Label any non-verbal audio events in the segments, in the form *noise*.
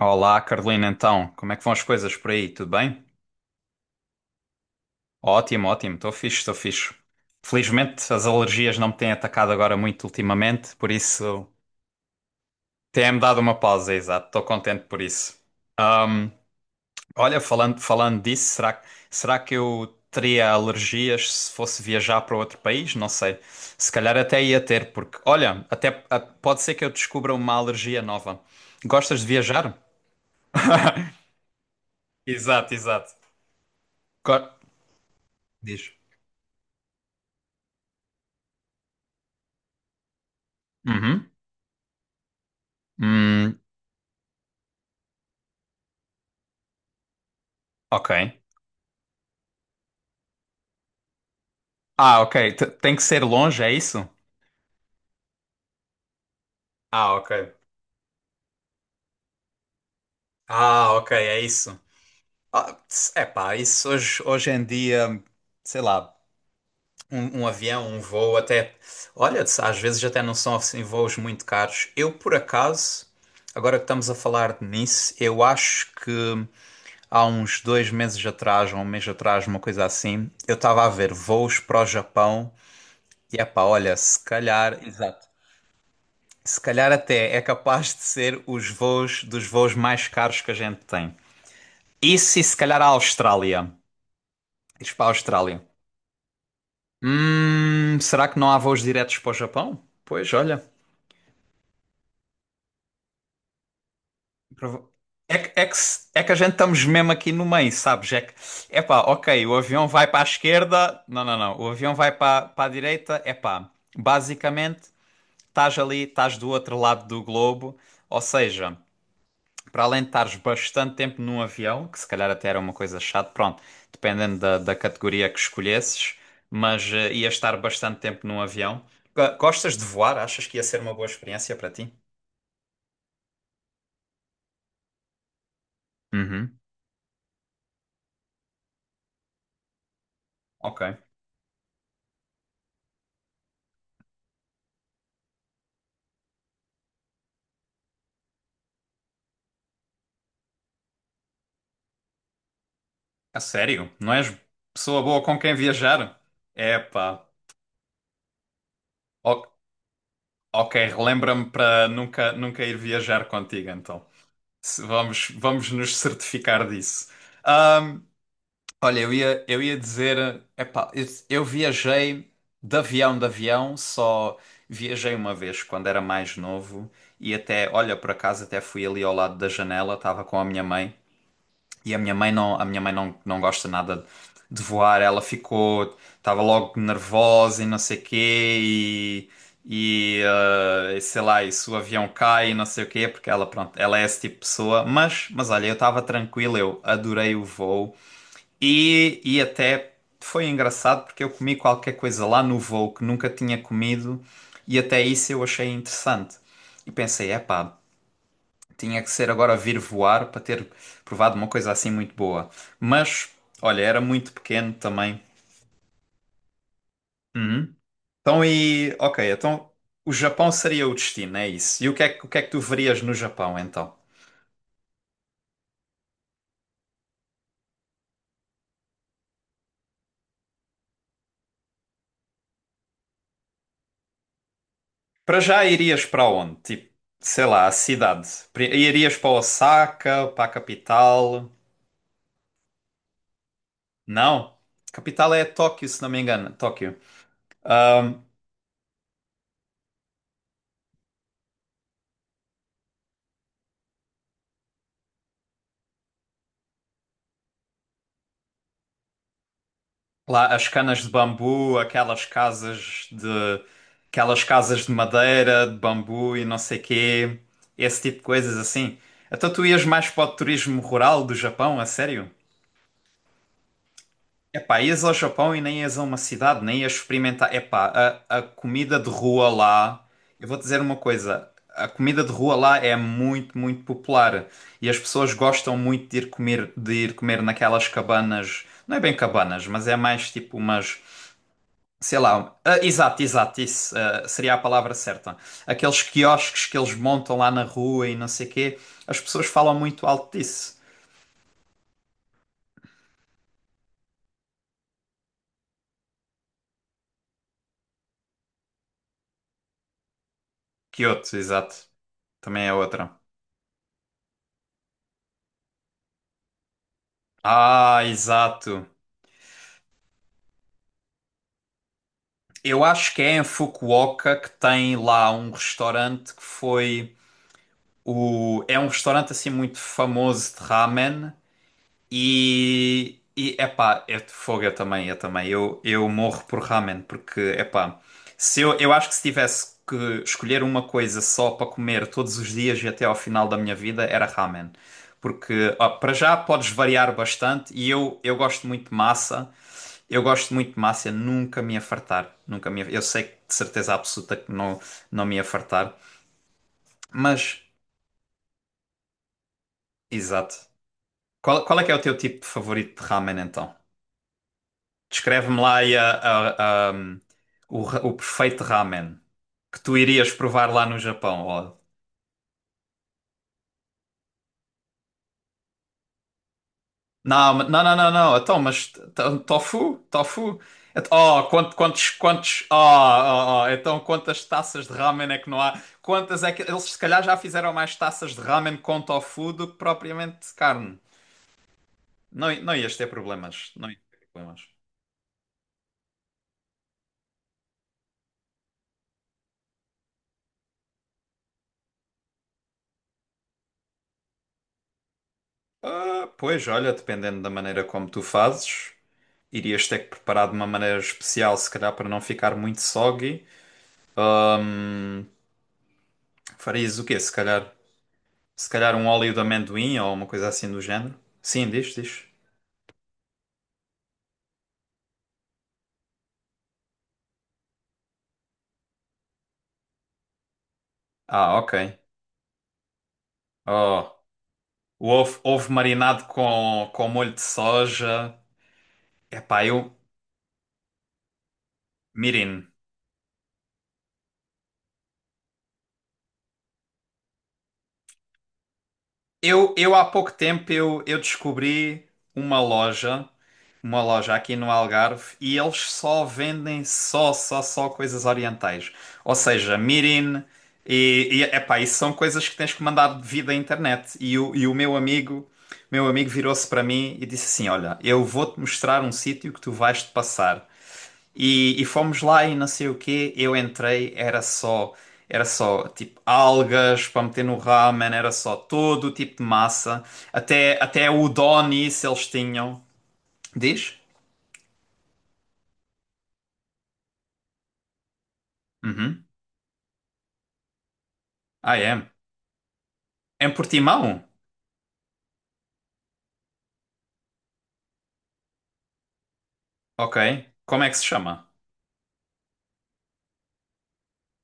Olá, Carolina, então, como é que vão as coisas por aí? Tudo bem? Ótimo, ótimo, estou fixe, estou fixe. Felizmente as alergias não me têm atacado agora muito ultimamente, por isso tem-me dado uma pausa, exato, estou contente por isso. Olha, falando, falando disso, será que eu teria alergias se fosse viajar para outro país? Não sei, se calhar até ia ter, porque, olha, pode ser que eu descubra uma alergia nova. Gostas de viajar? Exato, exato. Go- Diz. Uhum. Hum, ok. Ah, ok. Tem que ser longe, é isso? Ah, ok. Ah, ok, é isso. Ah, é pá, isso hoje em dia, sei lá, um avião, um voo até. Olha, às vezes até não são assim voos muito caros. Eu, por acaso, agora que estamos a falar nisso, eu acho que há uns 2 meses atrás, ou um mês atrás, uma coisa assim, eu estava a ver voos para o Japão e é pá, olha, se calhar. Exato. Se calhar até é capaz de ser os voos dos voos mais caros que a gente tem. Isso e se calhar a Austrália. Ires para a Austrália. Será que não há voos diretos para o Japão? Pois, olha. prova- é, que, se- É que a gente estamos mesmo aqui no meio, sabes? É que, epá, ok, o avião vai para a esquerda. Não, não, não. O avião vai para a direita. Epá, basicamente, estás ali, estás do outro lado do globo. Ou seja. Para além de estares bastante tempo num avião, que se calhar até era uma coisa chata, pronto, dependendo da categoria que escolhesses, mas ias estar bastante tempo num avião. Gostas de voar? Achas que ia ser uma boa experiência para ti? Uhum. Ok. A sério? Não és pessoa boa com quem viajar? Epá. O- ok, relembra-me para nunca, nunca ir viajar contigo, então. Vamos, vamos nos certificar disso. Olha, eu ia dizer, epá, eu viajei de avião, só viajei uma vez quando era mais novo e até, olha, por acaso até fui ali ao lado da janela, estava com a minha mãe e a minha mãe não, a minha mãe não, não gosta nada de voar, ela ficou, estava logo nervosa e não sei quê e sei lá, e se o avião cai e não sei o quê, porque ela, pronto, ela é esse tipo de pessoa, mas olha, eu estava tranquilo, eu adorei o voo. E até foi engraçado porque eu comi qualquer coisa lá no voo que nunca tinha comido e até isso eu achei interessante. E pensei, epá, tinha que ser agora vir voar para ter provado uma coisa assim muito boa. Mas, olha, era muito pequeno também. Uhum. Então e, ok, então o Japão seria o destino, é isso. E o que é que tu verias no Japão então? Para já irias para onde? Tipo, sei lá, a cidade. Irias para Osaka, para a capital? Não. Capital é Tóquio, se não me engano. Tóquio. Ahm, Lá as canas de bambu, aquelas casas de madeira, de bambu e não sei quê, esse tipo de coisas assim. Então tu ias mais para o turismo rural do Japão, a sério? Epá, ias ao Japão e nem ias a uma cidade, nem ias experimentar. Epá, a comida de rua lá. Eu vou dizer uma coisa: a comida de rua lá é muito, muito popular. E as pessoas gostam muito de ir comer naquelas cabanas. Não é bem cabanas, mas é mais tipo umas. Sei lá. Ah, exato, exato, isso, seria a palavra certa. Aqueles quiosques que eles montam lá na rua e não sei quê. As pessoas falam muito alto disso. Kyoto, exato. Também é outra. Ah, exato. Eu acho que é em Fukuoka que tem lá um restaurante que foi o é um restaurante assim muito famoso de ramen e epá, é de fogo eu também, eu também. Eu morro por ramen porque epá, se eu eu acho que se tivesse que escolher uma coisa só para comer todos os dias e até ao final da minha vida era ramen. Porque ó, para já podes variar bastante e eu gosto muito de massa. Eu gosto muito de massa, eu nunca me ia fartar. Nunca me ia... Eu sei que de certeza absoluta que não me ia fartar. Mas, exato. Qual é que é o teu tipo de favorito de ramen então? Descreve-me lá aí o perfeito ramen que tu irias provar lá no Japão. Ó. Não, não, não, não, não. Então, mas tofu? Tofu? Oh, então quantas taças de ramen é que não há? Quantas é que eles se calhar já fizeram mais taças de ramen com tofu do que propriamente de carne? Não, não ias ter problemas, não ias ter problemas. Ah, pois, olha, dependendo da maneira como tu fazes, irias ter que preparar de uma maneira especial, se calhar para não ficar muito soggy. Ahm, Farias o quê, se calhar? Se calhar um óleo de amendoim ou uma coisa assim do género. Sim, diz, diz. Ah, ok. Oh, o ovo marinado com molho de soja. Epá, eu... Mirin. Eu há pouco tempo eu descobri uma loja, aqui no Algarve e eles só vendem só coisas orientais. Ou seja, mirin e epá, isso são coisas que tens que mandar de vida à internet. E o meu amigo, virou-se para mim e disse assim: Olha, eu vou-te mostrar um sítio que tu vais-te passar. E fomos lá e não sei o quê, eu entrei, era só tipo algas para meter no ramen, era só todo o tipo de massa, até o udon isso eles tinham. Diz? Uhum. Ah, é. Em Portimão? Ok. Como é que se chama?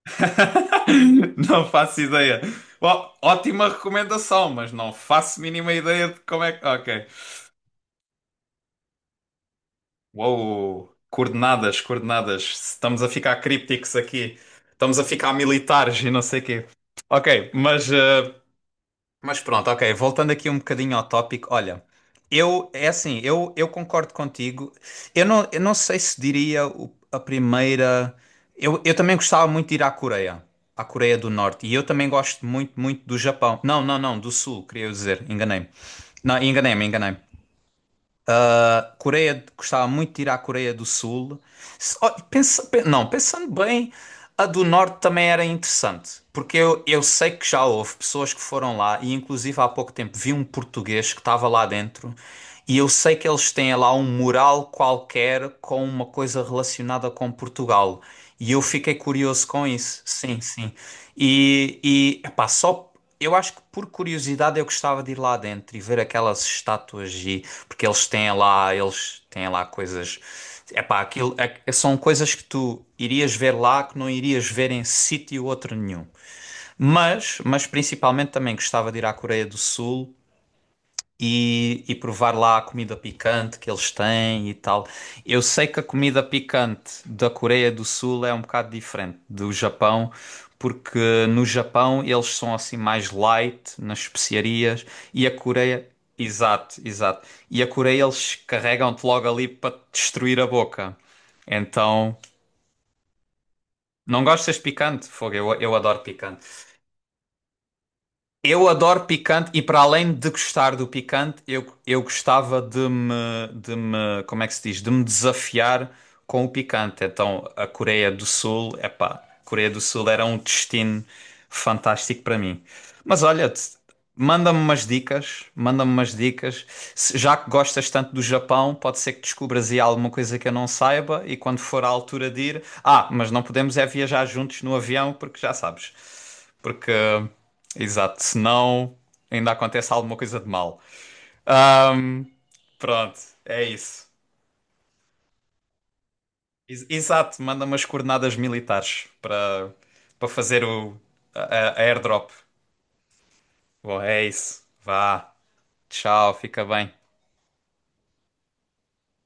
*laughs* Não faço ideia. Ótima recomendação, mas não faço mínima ideia de como é que. Ok. Uou, coordenadas, coordenadas. Estamos a ficar crípticos aqui. Estamos a ficar militares e não sei quê. Ok, mas pronto, ok. Voltando aqui um bocadinho ao tópico, olha, eu, é assim, eu concordo contigo. Eu não sei se diria a primeira. Eu também gostava muito de ir à Coreia do Norte. E eu também gosto muito, muito do Japão. Não, não, não, do Sul, queria dizer, enganei-me. Não, enganei-me, enganei-me. Ah, Coreia, gostava muito de ir à Coreia do Sul. Ó, não, pensando bem, a do Norte também era interessante, porque eu sei que já houve pessoas que foram lá, e inclusive há pouco tempo vi um português que estava lá dentro, e eu sei que eles têm lá um mural qualquer com uma coisa relacionada com Portugal. E eu fiquei curioso com isso, sim, sim. E epá, só eu acho que por curiosidade eu gostava de ir lá dentro e ver aquelas estátuas e porque eles têm lá coisas. Epá, aquilo são coisas que tu irias ver lá que não irias ver em sítio outro nenhum. Mas principalmente também gostava de ir à Coreia do Sul e provar lá a comida picante que eles têm e tal. Eu sei que a comida picante da Coreia do Sul é um bocado diferente do Japão, porque no Japão eles são assim mais light nas especiarias e a Coreia. Exato, exato. E a Coreia eles carregam-te logo ali para te destruir a boca. Então, não gostas picante? Fogo, eu adoro picante. Eu adoro picante e para além de gostar do picante, eu gostava de me, como é que se diz, de me desafiar com o picante. Então, a Coreia do Sul, epá, Coreia do Sul era um destino fantástico para mim. Mas olha, manda-me umas dicas, manda-me umas dicas. Já que gostas tanto do Japão, pode ser que descubras aí alguma coisa que eu não saiba e quando for à altura de ir, mas não podemos é viajar juntos no avião porque já sabes. Porque Exato, senão ainda acontece alguma coisa de mal. Ahm, Pronto, é isso. Exato, manda umas coordenadas militares para fazer a airdrop. Bom, é isso. Vá. Tchau, fica bem.